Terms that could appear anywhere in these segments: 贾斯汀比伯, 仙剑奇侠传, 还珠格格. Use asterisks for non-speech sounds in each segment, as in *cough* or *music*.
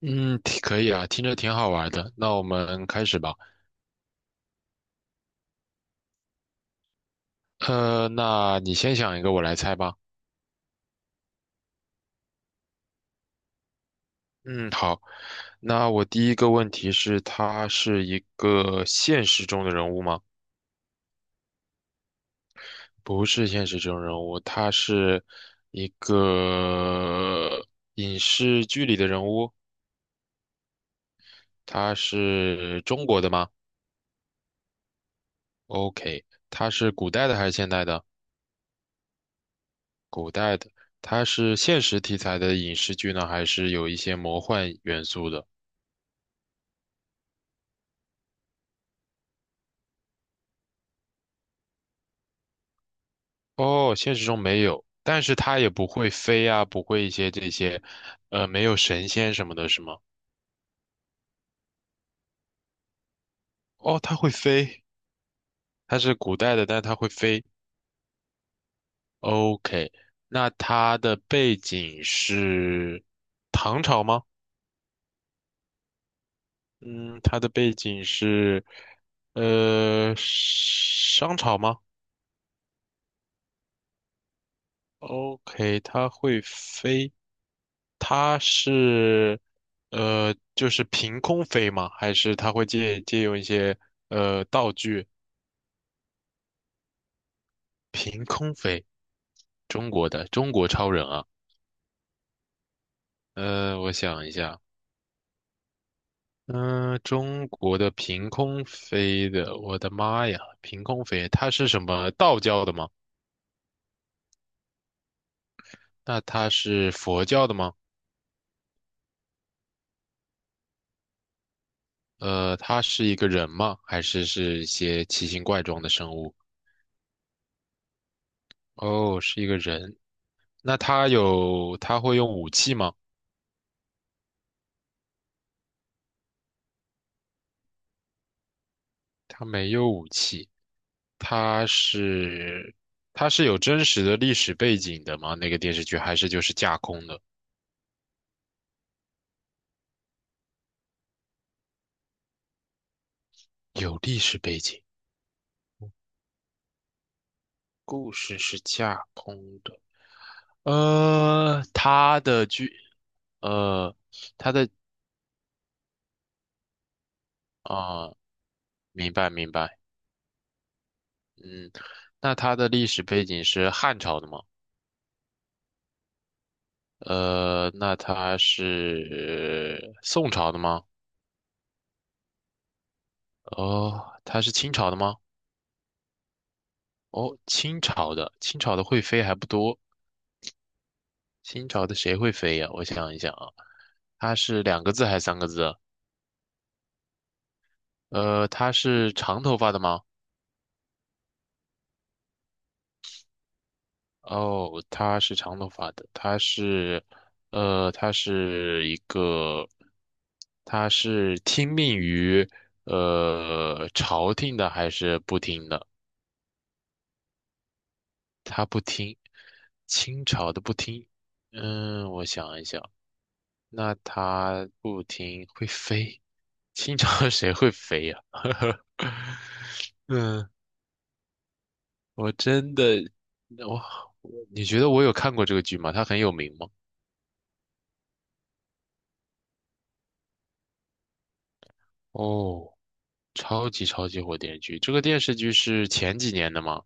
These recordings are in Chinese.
嗯，挺可以啊，听着挺好玩的。那我们开始吧。那你先想一个，我来猜吧。嗯，好。那我第一个问题是，他是一个现实中的人物吗？不是现实中人物，他是一个影视剧里的人物。他是中国的吗？OK，他是古代的还是现代的？古代的。他是现实题材的影视剧呢，还是有一些魔幻元素的？哦，现实中没有，但是它也不会飞啊，不会一些这些，没有神仙什么的，是吗？哦，它会飞，它是古代的，但是它会飞。OK，那它的背景是唐朝吗？嗯，它的背景是，商朝吗？OK，它会飞，它是。就是凭空飞吗？还是它会借用一些道具？凭空飞，中国的中国超人啊，我想一下，嗯、中国的凭空飞的，我的妈呀，凭空飞，他是什么道教的吗？那他是佛教的吗？他是一个人吗？还是是一些奇形怪状的生物？哦，是一个人。那他有，他会用武器吗？他没有武器。他是，他是有真实的历史背景的吗？那个电视剧还是就是架空的？有历史背景，故事是架空的。他的剧，呃，他的啊、明白明白，嗯，那他的历史背景是汉朝的吗？那他是宋朝的吗？哦，他是清朝的吗？哦，清朝的，清朝的会飞还不多。清朝的谁会飞呀？我想一想啊，他是两个字还是三个字啊？他是长头发的吗？哦，他是长头发的，他是，他是一个，他是听命于，朝廷的还是不听的？他不听，清朝的不听。嗯，我想一想，那他不听会飞，清朝 *laughs* 谁会飞呀、*laughs* 嗯，我真的，我我你觉得我有看过这个剧吗？它很有名吗？哦。超级超级火电视剧，这个电视剧是前几年的吗？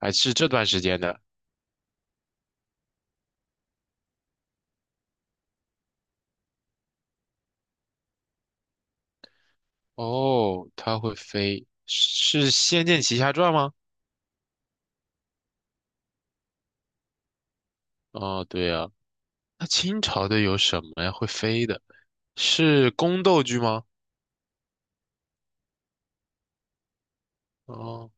还是这段时间的？哦，它会飞，是《仙剑奇侠传》吗？哦，对啊，那清朝的有什么呀？会飞的，是宫斗剧吗？哦，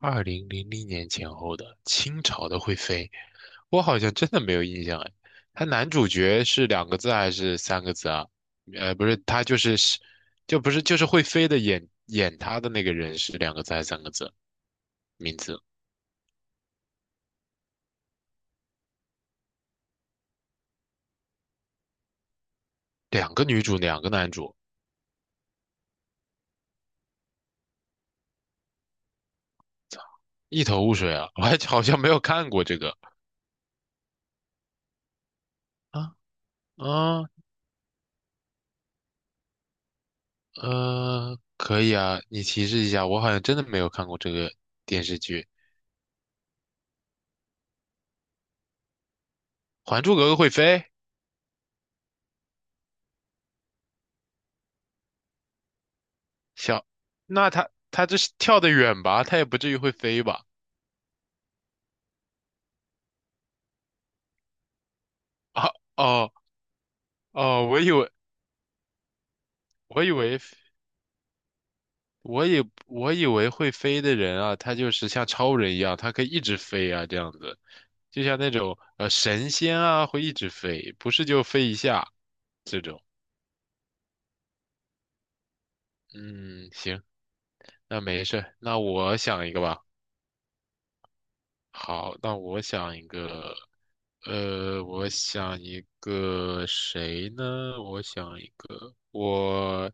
2000年前后的清朝的会飞，我好像真的没有印象哎。他男主角是两个字还是三个字啊？不是，他就是是，就不是就是会飞的演他的那个人是两个字还是三个字？名字，两个女主，两个男主，一头雾水啊！*laughs* 我还好像没有看过这个啊啊可以啊，你提示一下，我好像真的没有看过这个电视剧。《还珠格格》会飞，小，那他这是跳得远吧？他也不至于会飞吧？啊哦哦，我以为我以为我以为会飞的人啊，他就是像超人一样，他可以一直飞啊，这样子，就像那种神仙啊，会一直飞，不是就飞一下这种。嗯，行，那没事儿那我想一个吧。好，那我想一个，我想一个谁呢？我想一个，我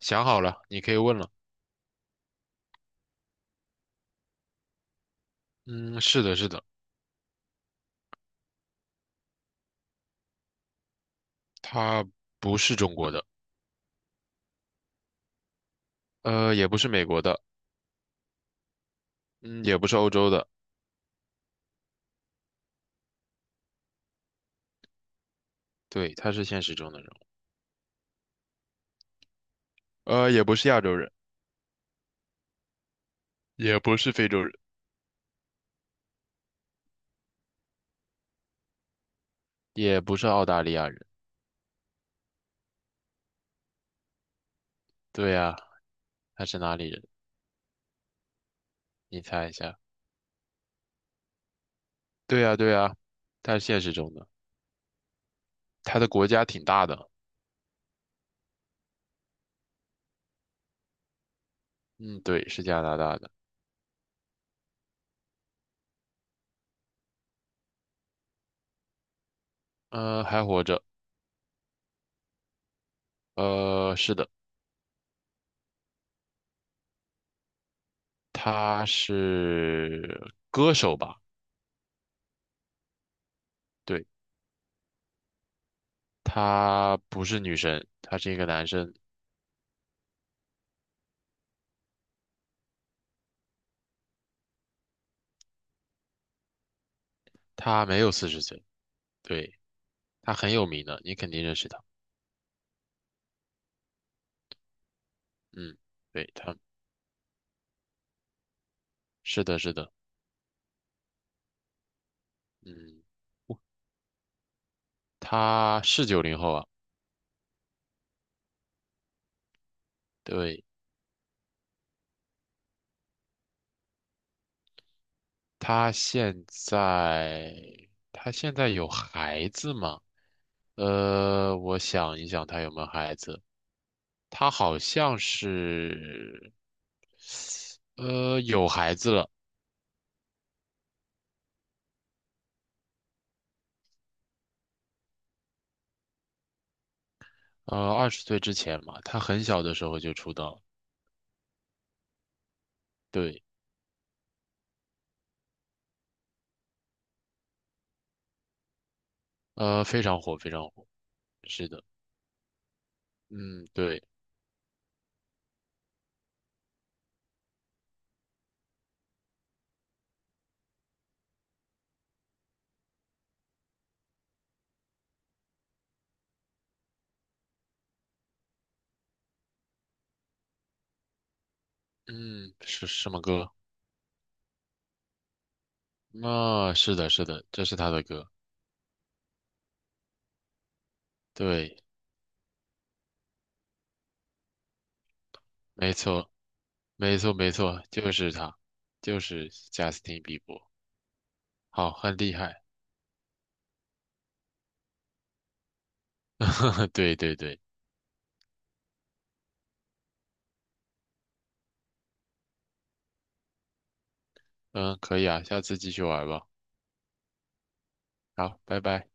想好了，你可以问了。嗯，是的，是的，他不是中国的，也不是美国的，嗯，也不是欧洲的。对，他是现实中的人物，也不是亚洲人，也不是非洲人，也不是澳大利亚人。对呀，他是哪里人？你猜一下。对呀，对呀，他是现实中的，他的国家挺大的。嗯，对，是加拿大的。嗯，还活着。是的，他是歌手吧？对，他不是女生，他是一个男生，他没有40岁。对，他很有名的，你肯定认识他。嗯，对，他是的，是的。嗯。他是90后啊，对，他现在他现在有孩子吗？我想一想，他有没有孩子？他好像是，有孩子了，20岁之前嘛，他很小的时候就出道了，对，非常火，非常火，是的，嗯，对，嗯，是什么歌？啊，是的，是的，这是他的歌，对。没错，没错，没错，就是他，就是贾斯汀比伯，好，很厉害，*laughs* 对对对，嗯，可以啊，下次继续玩吧，好，拜拜。